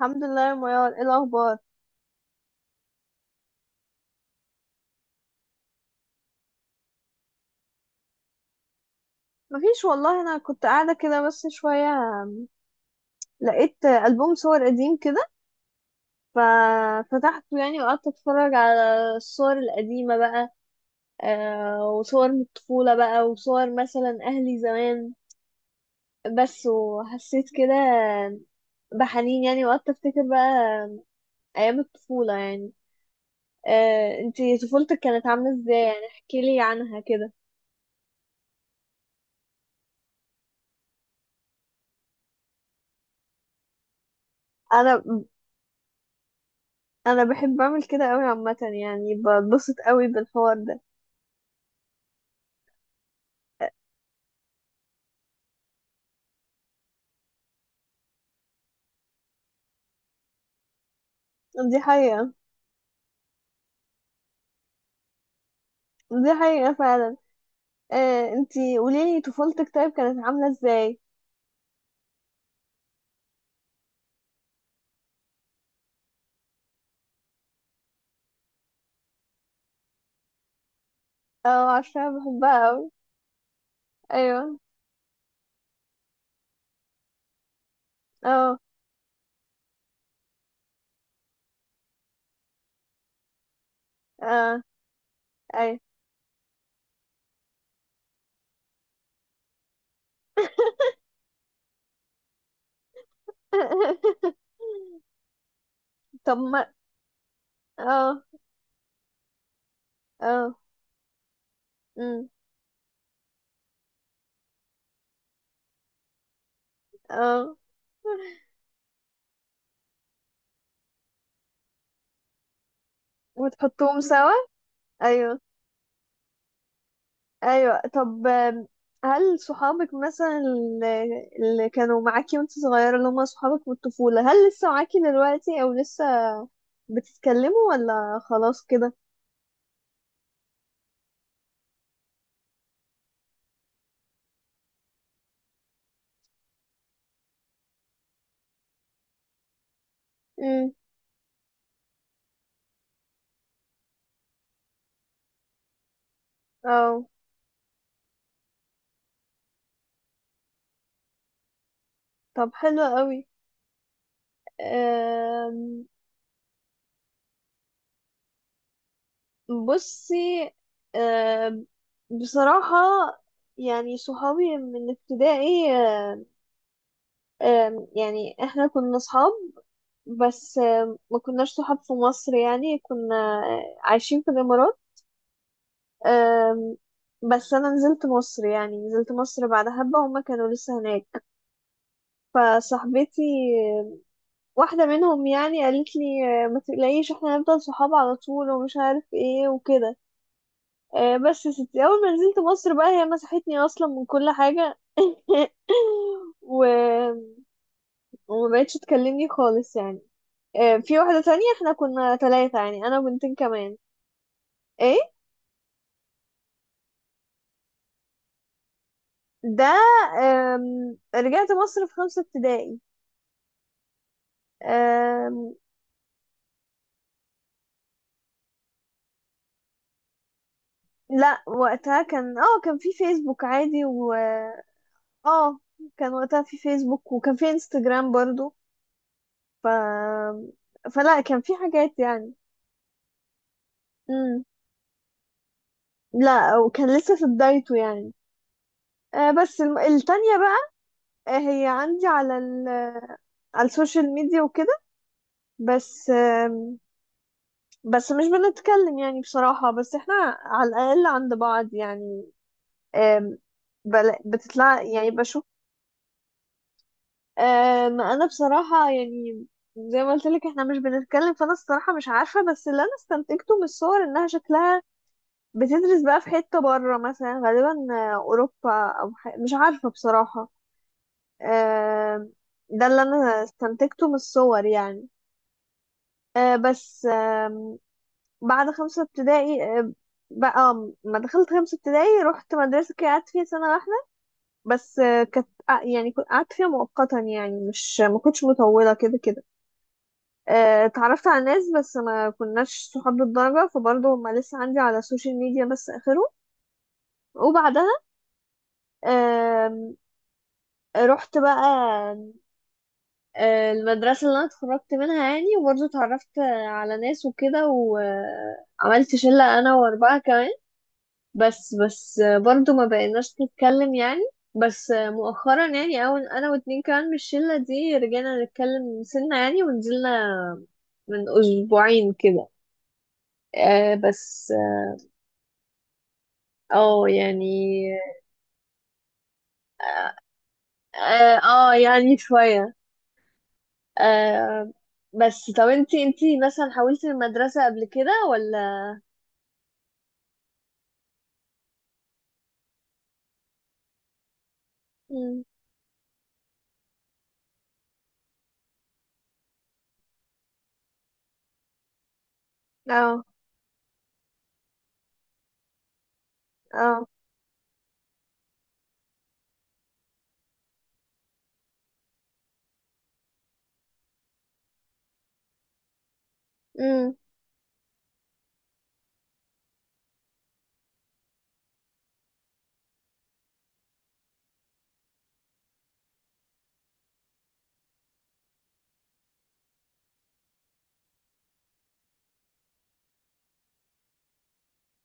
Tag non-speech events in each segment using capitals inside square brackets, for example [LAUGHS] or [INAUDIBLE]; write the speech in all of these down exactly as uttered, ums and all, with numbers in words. الحمد لله يا ميار، ايه الاخبار؟ مفيش والله. انا كنت قاعده كده بس شويه. لقيت البوم صور قديم كده ففتحته يعني وقعدت اتفرج على الصور القديمه بقى. آه وصور من الطفوله بقى، وصور مثلا اهلي زمان بس. وحسيت كده بحنين يعني وقعدت افتكر بقى ايام الطفوله يعني. آه انتي طفولتك كانت عامله ازاي يعني؟ احكيلي عنها كده. انا انا بحب اعمل كده قوي عامه يعني، بتبسط قوي بالحوار ده. دي حقيقة. دي حقيقة فعلا. آه، انتي قوليلي طفولتك طيب، كانت عاملة ازاي؟ اه، عشان أنا بحبها اوي. ايوه. اه. اه. ايوه. [LAUGHS] طب ما اه. اه. أمم، اه وتحطوهم سوا؟ ايوه. ايوه. طب آم، هل صحابك مثلا اللي اللي كانوا معاكي وانت صغيرة، اللي هم صحابك من الطفولة، هل لسه معاكي دلوقتي؟ او لسه بتتكلموا ولا خلاص كده؟ اه. طب حلو قوي. أم، بصي. أم، بصراحة يعني صحابي من ابتدائي. أم، أم، يعني احنا كنا صحاب، بس أم، ما كناش صحاب في مصر. يعني كنا عايشين في الإمارات. أم، بس أنا نزلت مصر، يعني نزلت مصر بعد حبة، هما كانوا لسه هناك. فصاحبتي واحدة منهم يعني قالت لي آه، ما تقلقيش، احنا هنفضل صحاب على طول ومش عارف ايه وكده. آه، بس يا ستي، اول ما نزلت مصر بقى هي مسحتني اصلا من كل حاجة [LAUGHS] و... وما بقتش تكلمني خالص يعني. آه، في واحدة تانية، احنا كنا ثلاثة يعني، انا وبنتين كمان. ايه ده؟ آم، رجعت مصر في خمسة ابتدائي. آم، لا، وقتها كان اه كان في فيسبوك عادي، و اه كان وقتها في فيسبوك، وكان في انستجرام برضو. ف فلا كان في حاجات يعني. امم لا، وكان لسه في بدايته يعني. آه بس الم... التانية بقى. آه هي عندي على ال... على السوشيال ميديا وكده. بس آم، بس مش بنتكلم يعني بصراحة، بس احنا على الأقل عند بعض يعني. آم، بل... بتطلع يعني بشوف. أم، انا بصراحة يعني زي ما قلت لك احنا مش بنتكلم، فانا الصراحة مش عارفة، بس اللي انا استنتجته من الصور انها شكلها بتدرس بقى في حتة بره، مثلا غالبا آه، اوروبا او ح... مش عارفة بصراحة. أم، ده اللي انا استنتجته من الصور يعني. أه، بس أم، بعد خمسة ابتدائي أه، بقى آه، ما دخلت خمسة ابتدائي رحت مدرسة كده قعدت فيها سنة واحدة بس. آه، كانت آه، يعني كنت قعدت فيها مؤقتا يعني، مش ما كنتش مطولة كده كده. آه، اتعرفت على ناس بس ما كناش صحاب بالدرجة، فبرضه هما لسه عندي على السوشيال ميديا بس آخره. وبعدها آم، رحت بقى آه، المدرسة اللي أنا اتخرجت منها يعني، وبرضه اتعرفت آه، على ناس وكده، وعملت شلة أنا وأربعة كمان. بس بس آه، برضه ما بقيناش نتكلم يعني. بس آه، مؤخرا يعني، أول أنا واتنين كمان من الشلة دي رجعنا نتكلم سنة يعني، ونزلنا من أسبوعين كده. آه، بس آه، اه يعني. اه. آه، يعني شوية. آه بس طب انتي انتي مثلا حاولتي المدرسة قبل كده ولا؟ مم. اه. اه. مم.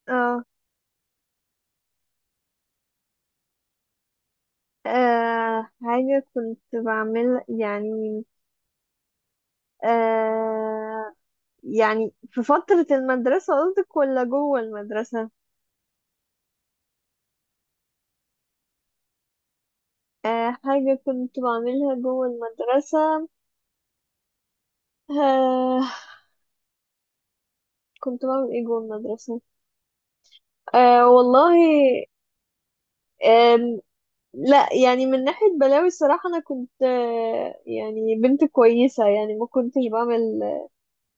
اه. آه، حاجة كنت بعمل يعني آه يعني، في فترة المدرسة قصدك ولا جوه المدرسة؟ آه حاجة كنت بعملها جوه المدرسة. آه كنت بعمل ايه جوه المدرسة؟ آه والله. لا، يعني من ناحية بلاوي الصراحة أنا كنت آه، يعني بنت كويسة يعني، ما كنتش بعمل.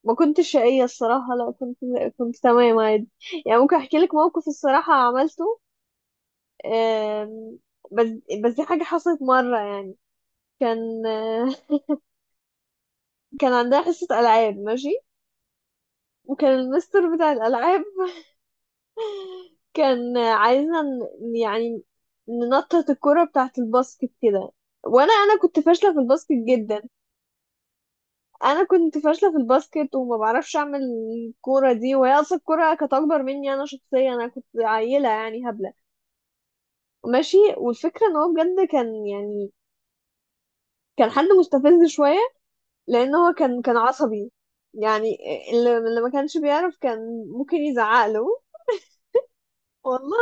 ما كنتش شقية الصراحة، لا كنت كنت تمام عادي. يعني ممكن أحكي لك موقف الصراحة عملته. آم، بس بس دي حاجة حصلت مرة يعني. كان آه، كان عندها حصة ألعاب ماشي، وكان المستر بتاع الألعاب [LAUGHS] كان عايزنا ن- يعني ننطط الكرة بتاعة الباسكت كده. وأنا أنا كنت فاشلة في الباسكت جدا. انا كنت فاشله في الباسكت وما بعرفش اعمل الكوره دي، وهي اصلا الكوره كانت اكبر مني انا شخصيا. انا كنت عيله يعني هبله ماشي. والفكره ان هو بجد كان يعني كان حد مستفز شويه، لان هو كان كان عصبي يعني. اللي اللي ما كانش بيعرف كان ممكن يزعق له. والله،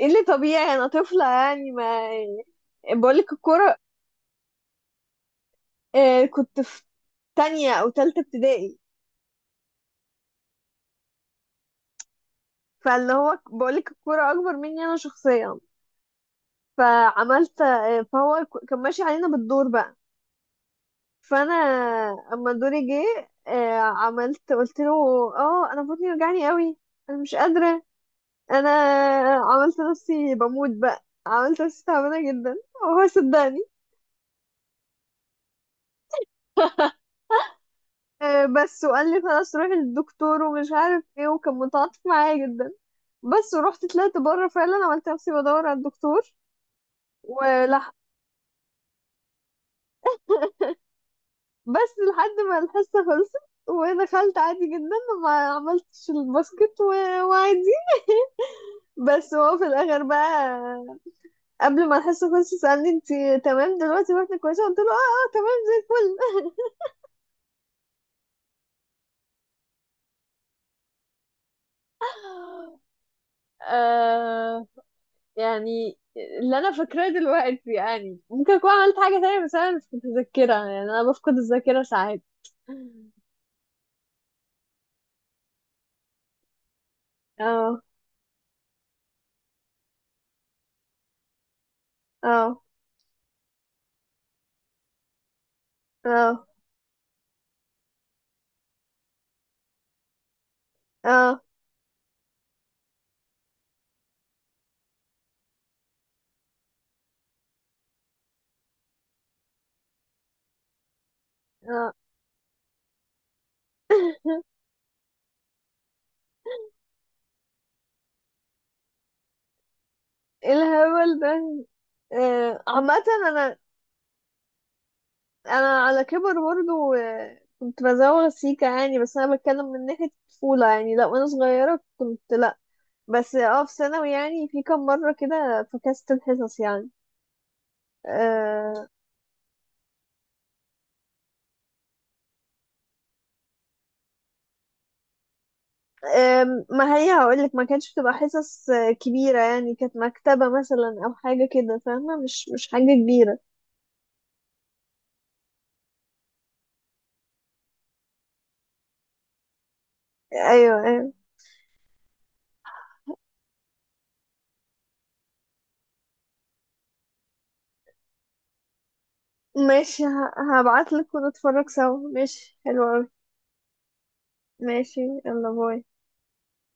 ايه اللي طبيعي، انا طفله يعني، ما بقولك الكوره. آه، كنت في تانية او تالتة ابتدائي. فاللي هو بقولك الكوره اكبر مني انا شخصيا. فعملت آه، فهو ك- كان ماشي علينا بالدور بقى. فانا اما دوري جه آه، عملت قلت له اه انا بطني وجعني قوي، انا مش قادره. انا عملت نفسي بموت بقى، عملت نفسي تعبانه جدا وهو صدقني. آه، بس وقال لي خلاص روحي للدكتور ومش عارف ايه، وكان متعاطف معايا جدا. بس ورحت طلعت بره فعلا، عملت نفسي بدور على الدكتور بس لحد ما الحصة خلصت. ودخلت عادي جدا، ما عملتش الباسكت و- وعادي. بس هو في الآخر بقى قبل ما الحصة خلصت سألني انتي تمام دلوقتي واحنا كويسة، قلت له اه اه تمام زي الفل. [LAUGHS] آه يعني اللي انا فاكراه دلوقتي، يعني ممكن اكون عملت حاجة تانية بس انا مش متذكرة. يعني انا بفقد الذاكرة ساعات. [LAUGHS] اه. اه. اه. اه. اه. [LAUGHS] ايه الهبل ده. آه، عامة أنا انا على كبر برضه آه، كنت بزوغ سيكا يعني. بس انا بتكلم من ناحية الطفولة يعني، لا وانا صغيرة كنت لا. بس اه في ثانوي يعني، في كام مرة كده فكست الحصص يعني. آه. آه. ما هي هقولك ما كانتش بتبقى حصص آه، كبيرة يعني، كانت مكتبة مثلا أو حاجة كده فاهمة، مش مش حاجة كبيرة. أيوة. أيوة. ماشي. ه- هبعتلك ونتفرج سوا. ماشي حلو أوي. ماشي. يلا باي.